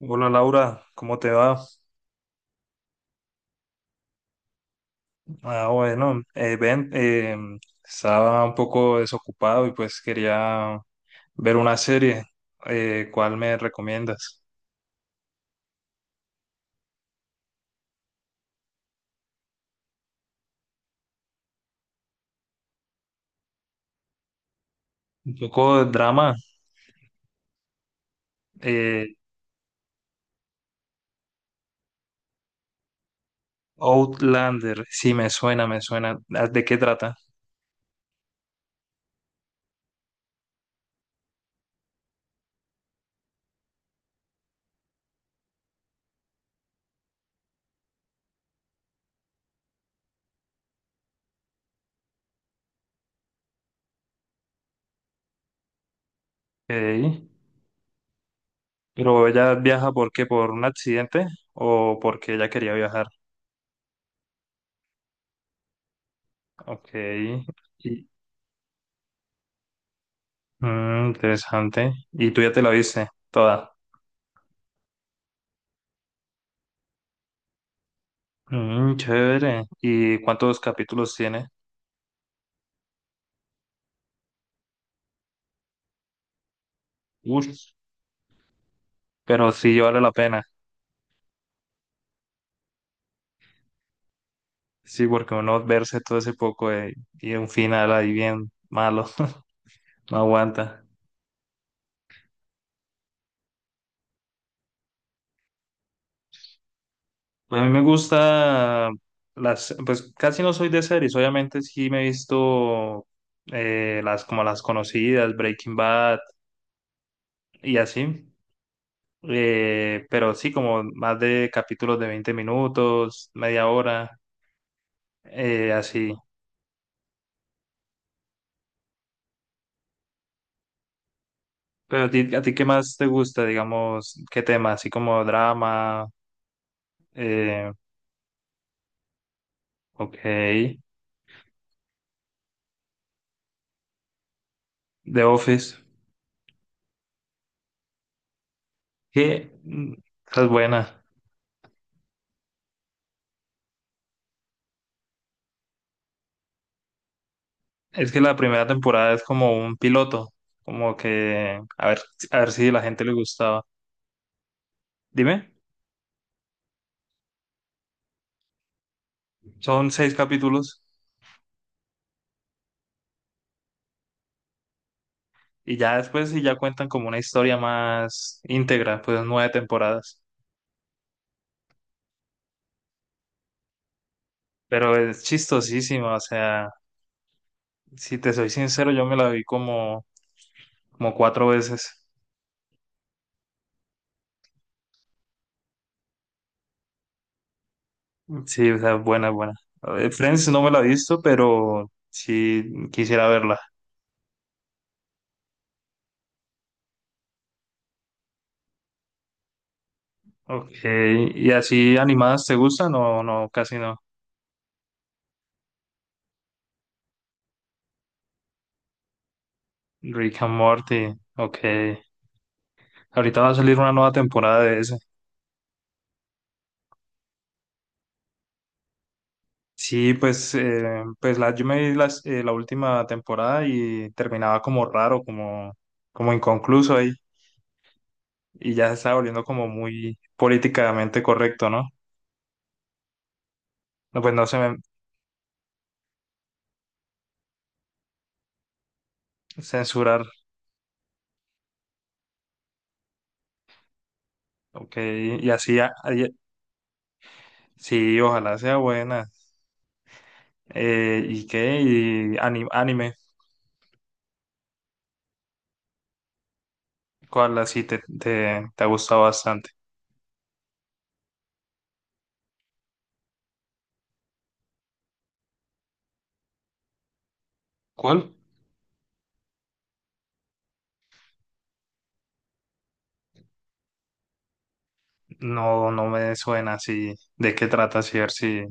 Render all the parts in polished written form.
Hola Laura, ¿cómo te va? Ah, bueno, Ben, estaba un poco desocupado y pues quería ver una serie. ¿Cuál me recomiendas? Un poco de drama. eh, Outlander, sí, me suena, me suena. Ah, ¿de qué trata? Ok. Pero ella viaja, ¿por qué? ¿Por un accidente o porque ella quería viajar? Ok. Y- Interesante. ¿Y tú ya te la viste toda? Chévere. ¿Y cuántos capítulos tiene? Uff, pero sí vale la pena. Sí, porque uno verse todo ese poco y un final ahí bien malo, no aguanta. A mí me gusta las, pues casi no soy de series, obviamente sí me he visto las como las conocidas, Breaking Bad y así. Pero sí como más de capítulos de 20 minutos, media hora, así. Pero a ti, ¿qué más te gusta, digamos, qué tema? Así como drama, eh, ok, The Office, que esa es buena. Es que la primera temporada es como un piloto, como que a ver si a la gente le gustaba. Dime, son seis capítulos y ya después sí ya cuentan como una historia más íntegra, pues nueve temporadas. Pero es chistosísimo, o sea, si te soy sincero, yo me la vi como, cuatro veces. Sí, o sea, buena, buena. A ver, Friends no me la he visto, pero sí quisiera verla. Ok, ¿y así animadas te gustan? No, no, casi no. Rick and Morty, ok. Ahorita va a salir una nueva temporada de ese. Sí, pues yo me vi la última temporada y terminaba como raro, como, inconcluso ahí. Y ya se estaba volviendo como muy políticamente correcto, ¿no? No, pues no se me censurar. Ok, y así. Sí, ojalá sea buena. ¿Y qué? Y anime, ¿cuál así te ha gustado bastante? ¿Cuál? No, no me suena así. ¿De qué trata, sí? a ver si-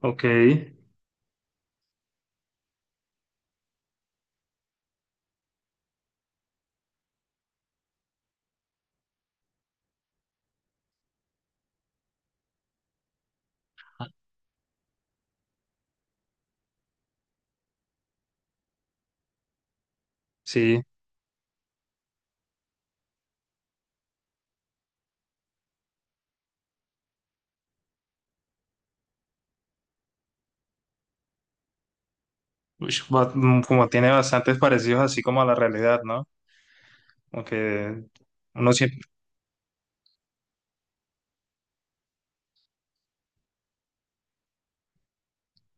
Ok, sí. Ush, como tiene bastantes parecidos así como a la realidad, ¿no? Aunque uno siempre...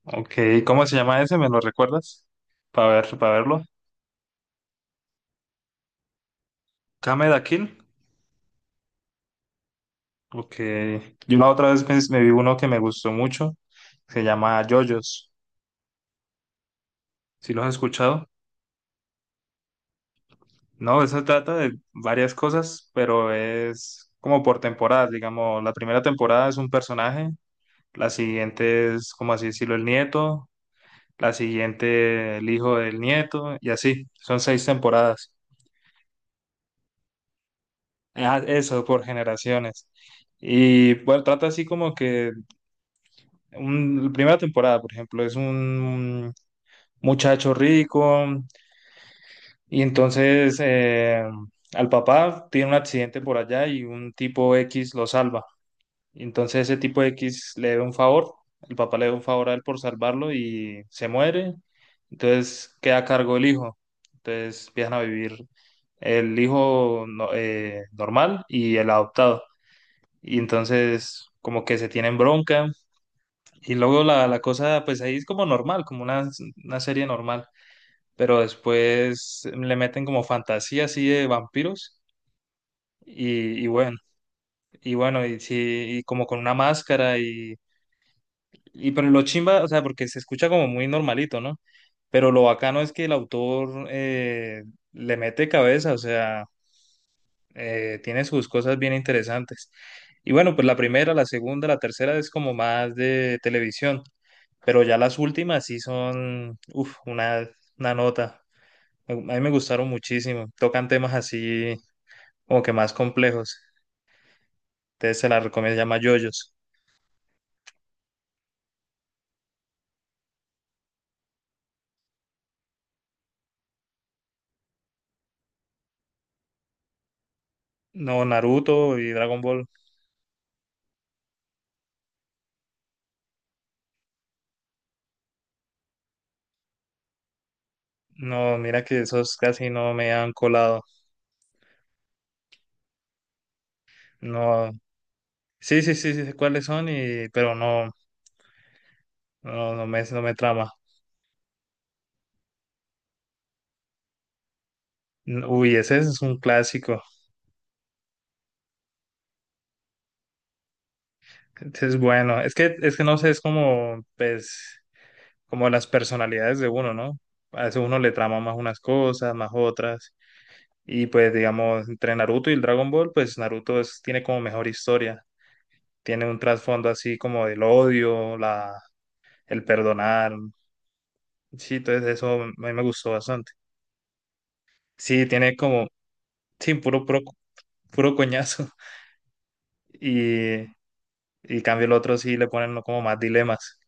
Ok, ¿cómo se llama ese? ¿Me lo recuerdas? Para verlo. Kameda Kill. Ok. Yo la otra vez me vi uno que me gustó mucho. Se llama JoJo's. ¿Sí lo has escuchado? No, eso trata de varias cosas, pero es como por temporadas, digamos, la primera temporada es un personaje, la siguiente es, como así decirlo, el nieto, la siguiente el hijo del nieto, y así, son seis temporadas. Ah, eso, por generaciones. Y bueno, trata así como que la primera temporada, por ejemplo, es un muchacho rico y entonces al papá tiene un accidente por allá y un tipo X lo salva. Y entonces ese tipo de X le debe un favor, el papá le debe un favor a él por salvarlo y se muere, entonces queda a cargo el hijo, entonces empiezan a vivir el hijo normal y el adoptado, y entonces como que se tienen bronca, y luego la cosa pues ahí es como normal, como una serie normal, pero después le meten como fantasía así de vampiros, y bueno, y bueno, y sí, y como con una máscara y... Y pero lo chimba, o sea, porque se escucha como muy normalito, ¿no? Pero lo bacano es que el autor le mete cabeza, o sea, tiene sus cosas bien interesantes. Y bueno, pues la primera, la segunda, la tercera es como más de televisión, pero ya las últimas sí son, uff, una nota. A mí me gustaron muchísimo. Tocan temas así como que más complejos. Entonces se la recomiendo, se llama JoJo's. No, Naruto y Dragon Ball. No, mira que esos casi no me han colado. No, sí, sí, sí, sí sé cuáles son, y pero no, no, no me trama. Uy, ese es un clásico. Ese es bueno. Es que no sé, es como, pues, como las personalidades de uno, ¿no? A veces uno le trama más unas cosas, más otras. Y pues, digamos, entre Naruto y el Dragon Ball, pues Naruto tiene como mejor historia. Tiene un trasfondo así como del odio, el perdonar. Sí, entonces eso a mí me gustó bastante. Sí, tiene como, sí, puro, puro, puro coñazo. Y, y cambio el otro sí le ponen como más dilemas.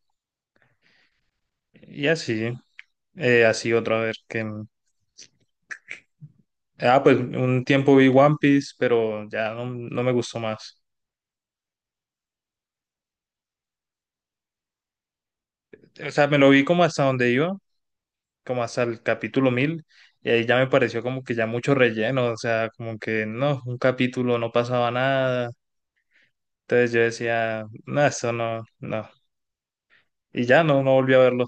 Y así, así otra vez que... Ah, pues un tiempo vi One Piece, pero ya no, no me gustó más. O sea, me lo vi como hasta donde iba, como hasta el capítulo 1000 y ahí ya me pareció como que ya mucho relleno, o sea, como que no, un capítulo no pasaba nada. Entonces yo decía, no, eso no, no. Y ya no, no volví a verlo.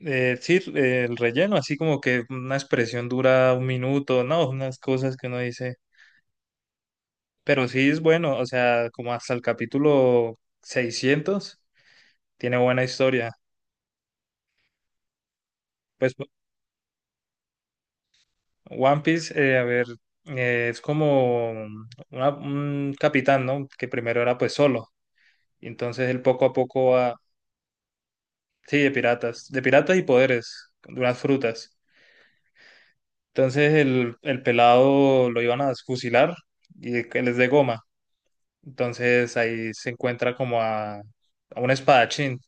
Sí, el relleno, así como que una expresión dura 1 minuto, no, unas cosas que uno dice. Pero sí es bueno, o sea, como hasta el capítulo 600 tiene buena historia. Pues One Piece, a ver, es como un capitán, ¿no? Que primero era pues solo. Y entonces él poco a poco va, sí, de piratas y poderes, de unas frutas. Entonces el pelado lo iban a fusilar y que él es de goma. Entonces ahí se encuentra como a un espadachín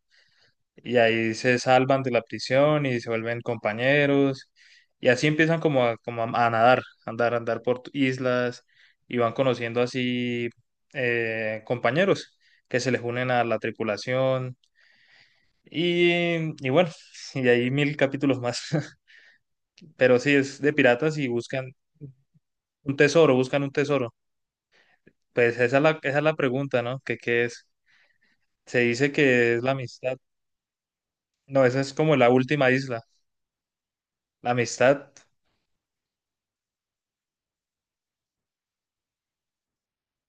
y ahí se salvan de la prisión y se vuelven compañeros y así empiezan como a, como a nadar, a andar por islas y van conociendo así compañeros que se les unen a la tripulación y bueno, y hay 1000 capítulos más, pero sí es de piratas y buscan un tesoro, buscan un tesoro. Pues esa es la pregunta, ¿no? ¿Qué es? Se dice que es la amistad. No, esa es como la última isla. La amistad,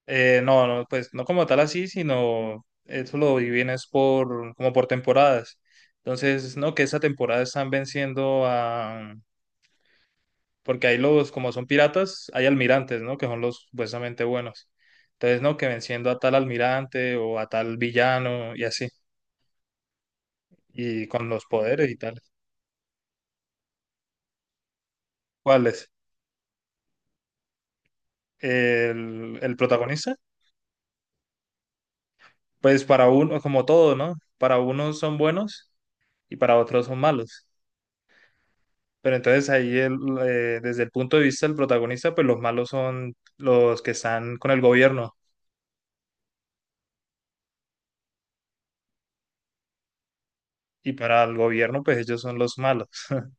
no, no, pues no como tal así, sino eso lo dividen es por, como por temporadas. Entonces, no, que esa temporada están venciendo a, porque ahí los, como son piratas, hay almirantes, ¿no? Que son los supuestamente buenos. Entonces, no, que venciendo a tal almirante o a tal villano y así, y con los poderes y tal. Cuáles. ¿El protagonista? Pues para uno, como todo, ¿no? Para unos son buenos y para otros son malos. Pero entonces ahí desde el punto de vista del protagonista, pues los malos son los que están con el gobierno, y para el gobierno, pues ellos son los malos.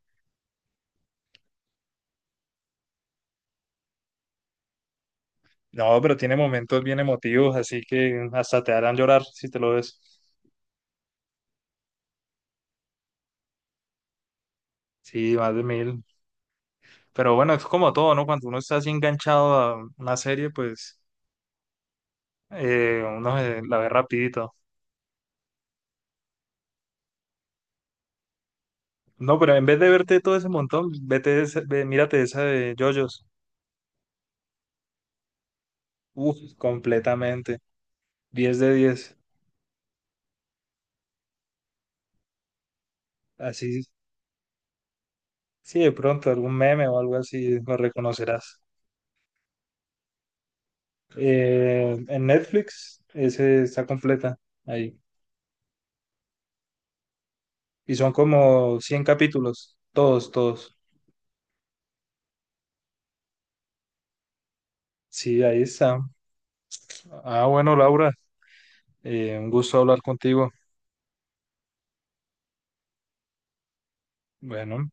No, pero tiene momentos bien emotivos, así que hasta te harán llorar si te lo ves. Sí, más de 1000. Pero bueno, es como todo, ¿no? Cuando uno está así enganchado a una serie, pues uno se la ve rapidito. No, pero en vez de verte todo ese montón, mírate esa de JoJo's. Uf, completamente. 10 de 10. Así, sí, de pronto algún meme o algo así lo reconocerás. En Netflix, ese está completa ahí. Y son como 100 capítulos, todos, todos. Sí, ahí está. Ah, bueno, Laura, un gusto hablar contigo. Bueno.